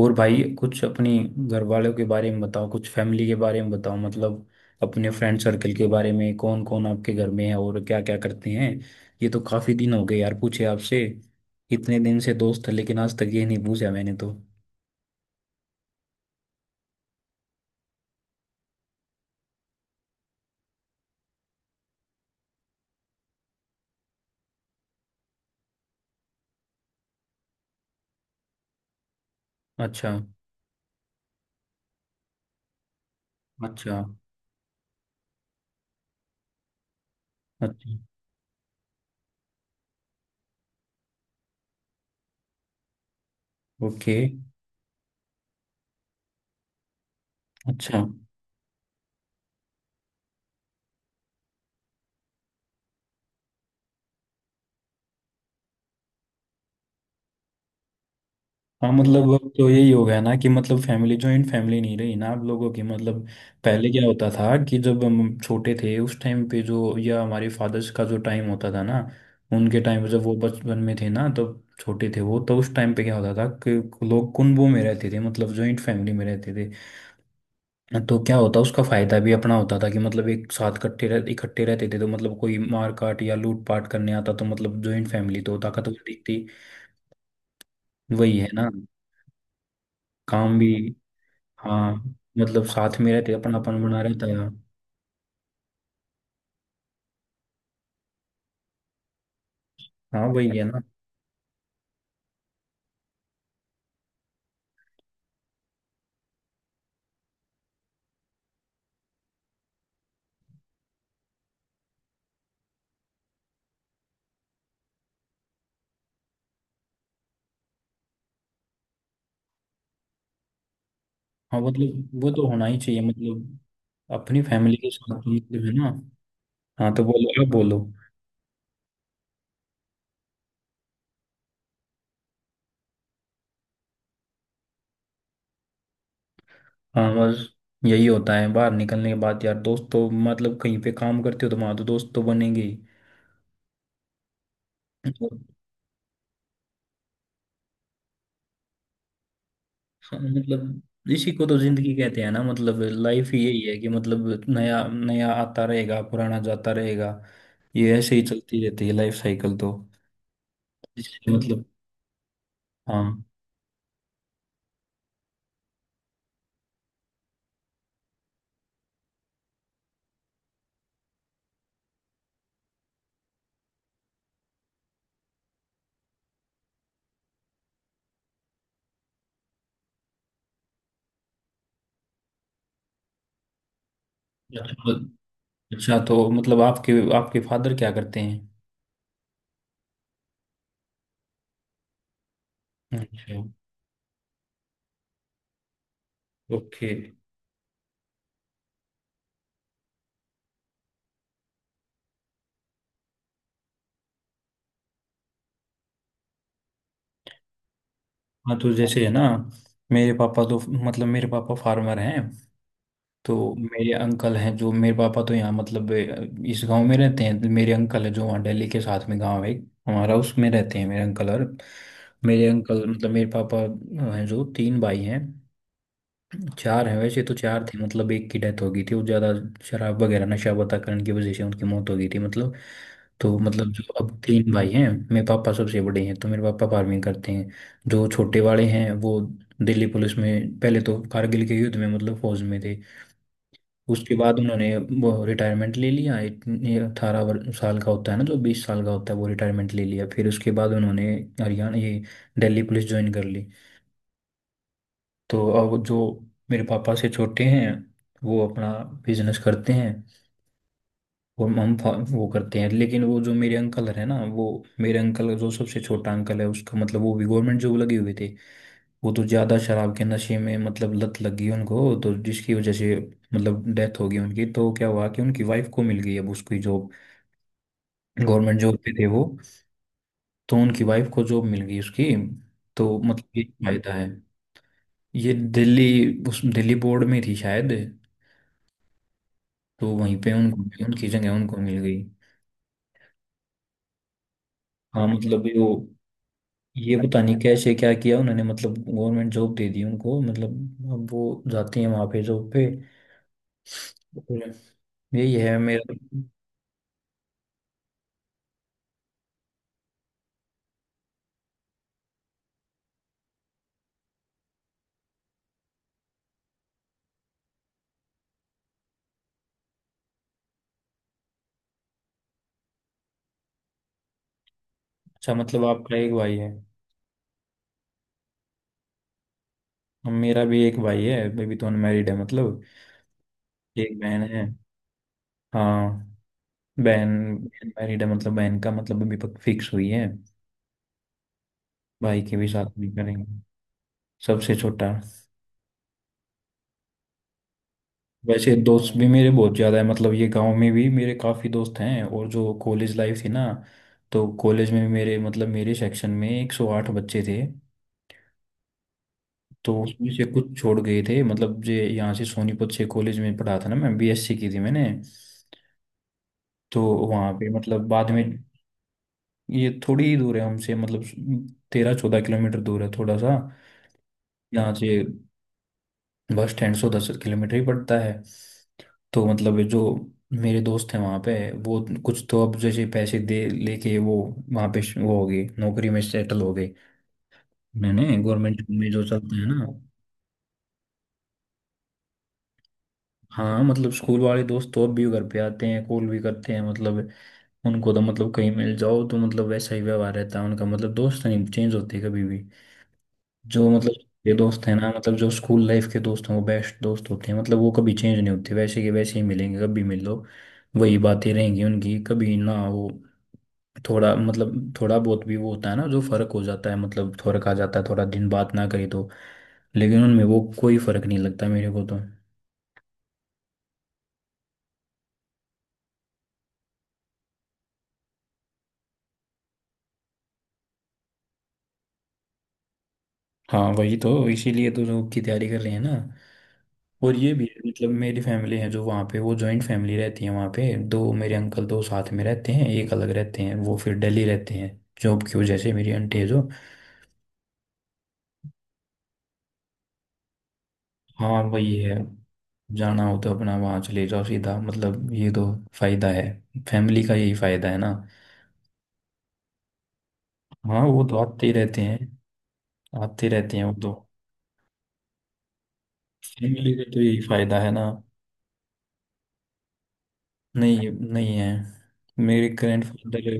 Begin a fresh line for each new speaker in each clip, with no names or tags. और भाई कुछ अपनी घर वालों के बारे में बताओ। कुछ फैमिली के बारे में बताओ मतलब अपने फ्रेंड सर्कल के बारे में। कौन कौन आपके घर में है और क्या क्या करते हैं। ये तो काफी दिन हो गए यार पूछे आपसे। इतने दिन से दोस्त है लेकिन आज तक ये नहीं पूछा मैंने तो। अच्छा। अच्छा। अच्छा। ओके। अच्छा। हाँ मतलब अब तो यही हो गया ना कि मतलब फैमिली जॉइंट फैमिली नहीं रही ना आप लोगों की मतलब। पहले क्या होता था कि जब हम छोटे थे उस टाइम पे जो या हमारे फादर्स का जो टाइम होता था ना। उनके टाइम जब वो बचपन में थे ना तब छोटे थे वो, तो उस टाइम पे क्या होता था कि लोग कुंबों में रहते थे मतलब जॉइंट फैमिली में रहते थे। तो क्या होता उसका फायदा भी अपना होता था कि मतलब एक साथ इकट्ठे रहते थे तो मतलब कोई मार काट या लूट पाट करने आता तो मतलब जॉइंट फैमिली तो ताकतवर दिखती। वही है ना। काम भी। हाँ मतलब साथ में रहते अपना अपन बना रहता है। हाँ वही है ना। हाँ मतलब वो तो होना ही चाहिए मतलब। अपनी फैमिली के साथ तो मतलब है ना। हाँ तो बोलो, आप बोलो। हाँ बस यही होता है बाहर निकलने के बाद यार, दोस्त तो मतलब कहीं पे काम करते हो तो वहां तो दोस्त तो बनेंगे ही। और हाँ, मतलब इसी को तो जिंदगी कहते हैं ना मतलब लाइफ ही यही है कि मतलब नया नया आता रहेगा पुराना जाता रहेगा। ये ऐसे ही चलती रहती है लाइफ साइकिल तो। इसलिए मतलब। हाँ। अच्छा तो मतलब आपके आपके फादर क्या करते हैं। अच्छा। ओके। हाँ तो जैसे है ना। मेरे पापा तो मतलब मेरे पापा फार्मर हैं। तो मेरे अंकल हैं जो, मेरे पापा तो यहाँ मतलब इस गांव में रहते हैं। मेरे अंकल है जो वहाँ दिल्ली के साथ में गांव है एक, हमारा, उसमें रहते हैं मेरे अंकल। और मेरे अंकल मतलब मेरे पापा हैं जो तीन भाई हैं। चार हैं वैसे, तो चार थे मतलब एक की डेथ हो गई थी, वो ज़्यादा शराब वगैरह नशा पता करने की वजह से उनकी मौत हो गई थी मतलब। तो मतलब जो अब तीन भाई हैं। मेरे पापा सबसे बड़े हैं तो मेरे पापा फार्मिंग करते हैं। जो छोटे वाले हैं वो दिल्ली पुलिस में, पहले तो कारगिल के युद्ध में मतलब फौज में थे। उसके बाद उन्होंने वो रिटायरमेंट ले लिया। 18 साल का होता है ना, जो 20 साल का होता है, वो रिटायरमेंट ले लिया, फिर उसके बाद उन्होंने हरियाणा ये दिल्ली पुलिस ज्वाइन कर ली। तो अब जो मेरे पापा से छोटे हैं वो अपना बिजनेस करते हैं। वो हम वो करते हैं, लेकिन वो जो मेरे अंकल है ना, वो मेरे अंकल जो सबसे छोटा अंकल है उसका मतलब वो भी गवर्नमेंट जॉब लगे हुए थे। वो तो ज़्यादा शराब के नशे में मतलब लत लग गई उनको। तो जिसकी वजह से मतलब डेथ हो गई उनकी, तो क्या हुआ कि उनकी वाइफ को मिल गई अब उसकी जॉब। गवर्नमेंट जॉब पे थे वो। तो उनकी वाइफ को जॉब मिल गई उसकी। तो मतलब ये फायदा है। ये दिल्ली, उस दिल्ली बोर्ड में थी शायद। तो वहीं पे उनको उनकी जगह उनको मिल गई। हाँ मतलब ये वो, ये पता नहीं कैसे क्या किया उन्होंने, मतलब गवर्नमेंट जॉब दे दी उनको, मतलब अब वो जाते हैं वहाँ पे जॉब पे। और यही है मेरा। अच्छा मतलब आपका एक भाई है। हम, मेरा भी एक भाई है अभी तो अनमैरिड है मतलब। एक बहन है। हाँ। बहन मैरिड है मतलब, बहन का मतलब अभी फिक्स हुई है। भाई के भी साथ भी करेंगे। सबसे छोटा। वैसे दोस्त भी मेरे बहुत ज़्यादा है मतलब, ये गांव में भी मेरे काफ़ी दोस्त हैं और जो कॉलेज लाइफ थी ना। तो कॉलेज में भी मेरे मतलब मेरे सेक्शन में 108 बच्चे थे। तो उसमें से कुछ छोड़ गए थे मतलब, जे यहाँ से सोनीपत से कॉलेज में पढ़ा था ना मैं, बीएससी की थी मैंने। तो वहाँ पे मतलब बाद में ये थोड़ी ही दूर है हमसे मतलब। 13-14 किलोमीटर दूर है थोड़ा सा यहाँ से। बस स्टैंड 110 किलोमीटर ही पड़ता है। तो मतलब ये जो मेरे दोस्त हैं वहाँ पे, वो कुछ तो अब जैसे पैसे दे लेके वो वहाँ पे वो हो गए नौकरी में सेटल हो गए। मैंने गवर्नमेंट में जो चलते हैं ना। हाँ मतलब स्कूल वाले दोस्त तो अब भी घर पे आते हैं, कॉल भी करते हैं मतलब। उनको तो मतलब कहीं मिल जाओ तो मतलब वैसा ही व्यवहार रहता है उनका, मतलब दोस्त नहीं चेंज होते कभी भी। जो मतलब ये दोस्त हैं ना, मतलब जो स्कूल लाइफ के दोस्त हैं वो बेस्ट दोस्त होते हैं, मतलब वो कभी चेंज नहीं होते, वैसे के वैसे ही मिलेंगे कभी मिल लो। वही बातें रहेंगी उनकी कभी ना वो। थोड़ा मतलब थोड़ा बहुत भी वो होता है ना, जो फर्क हो जाता है मतलब फर्क आ जाता है थोड़ा दिन बात ना करी तो। लेकिन उनमें वो कोई फर्क नहीं लगता मेरे को तो। हाँ वही तो, इसीलिए तो जॉब की तैयारी कर रहे हैं ना। और ये भी है मतलब मेरी फैमिली है जो वहाँ पे, वो जॉइंट फैमिली रहती है वहाँ पे, दो मेरे अंकल दो साथ में रहते हैं, एक अलग रहते हैं वो फिर दिल्ली रहते हैं जॉब की वजह से। मेरी आंटी है जो। हाँ वही है। जाना हो तो अपना वहाँ चले जाओ सीधा, मतलब ये तो फायदा है। फैमिली का यही फायदा है ना। हाँ वो तो आते ही रहते हैं। आते रहते हैं वो तो। फैमिली का तो यही फायदा है ना। नहीं, नहीं है। मेरे ग्रैंड फादर।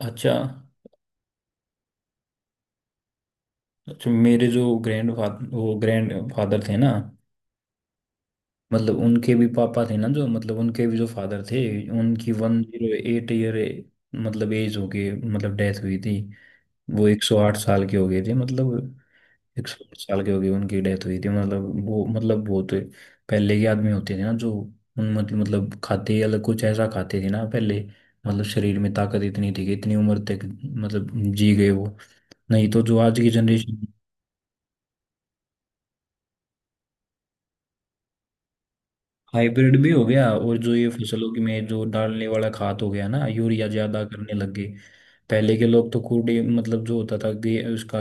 अच्छा। अच्छा मेरे जो ग्रैंड फादर, वो ग्रैंड फादर थे ना मतलब उनके भी पापा थे ना, जो मतलब उनके भी जो फादर थे। उनकी 108 year मतलब एज हो गई, मतलब डेथ हुई थी। वो 108 साल के हो गए थे मतलब, 108 साल के हो गए उनकी डेथ हुई थी, मतलब वो मतलब बहुत पहले के आदमी होते थे ना, जो उन मतलब खाते ही अलग कुछ ऐसा खाते थे ना पहले। मतलब शरीर में ताकत इतनी थी कि इतनी उम्र तक मतलब जी गए वो। नहीं तो जो आज की जनरेशन। हाइब्रिड भी हो गया और जो ये फसलों की में जो डालने वाला खाद हो गया ना यूरिया ज्यादा करने लग गए। पहले के लोग तो कूड़े मतलब जो होता था कि उसका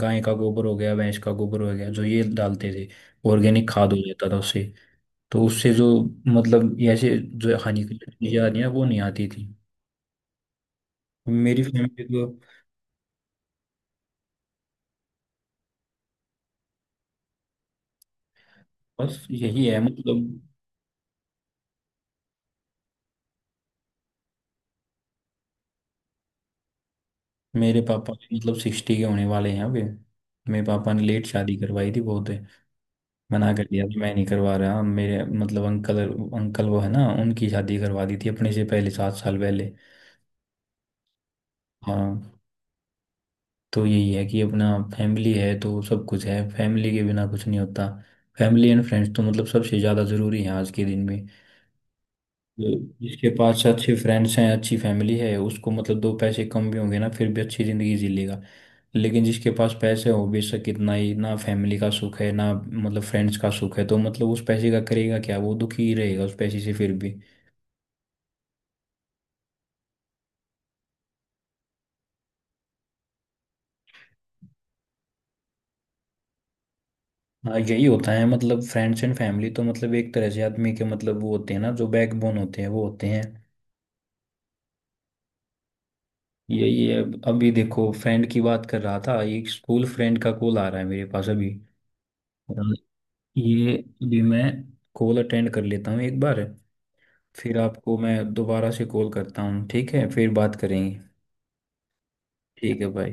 गाय का गोबर हो गया भैंस का गोबर हो गया जो ये डालते थे। ऑर्गेनिक खाद हो जाता था उससे। तो उससे जो मतलब ये ऐसे जो हानिकारक चीजें आ रही हैं वो नहीं आती थी। मेरी फैमिली तो बस यही है मतलब। मेरे पापा मतलब 60 के होने वाले हैं अभी। मेरे पापा ने लेट शादी करवाई थी बहुत। मना कर दिया कि मैं नहीं करवा रहा, मेरे मतलब अंकल, अंकल वो है ना, उनकी शादी करवा दी थी अपने से पहले, 7 साल पहले। हाँ तो यही है कि अपना फैमिली है तो सब कुछ है, फैमिली के बिना कुछ नहीं होता। फैमिली एंड फ्रेंड्स तो मतलब सबसे ज़्यादा ज़रूरी है आज के दिन में। तो जिसके पास अच्छे फ्रेंड्स हैं अच्छी फैमिली है उसको, मतलब दो पैसे कम भी होंगे ना फिर भी अच्छी ज़िंदगी जी लेगा। लेकिन जिसके पास पैसे हो बेशक कितना ही ना, फैमिली का सुख है ना मतलब फ्रेंड्स का सुख है तो, मतलब उस पैसे का करेगा क्या, वो दुखी ही रहेगा उस पैसे से फिर भी। हाँ यही होता है, मतलब फ्रेंड्स एंड फैमिली तो मतलब एक तरह से आदमी के मतलब वो होते हैं ना जो बैकबोन होते हैं, वो होते हैं। यही है अभी देखो, फ्रेंड की बात कर रहा था, एक स्कूल फ्रेंड का कॉल आ रहा है मेरे पास अभी। अ, ये अभी मैं कॉल अटेंड कर लेता हूँ एक बार। फिर आपको मैं दोबारा से कॉल करता हूँ, ठीक है फिर बात करेंगे। ठीक है भाई।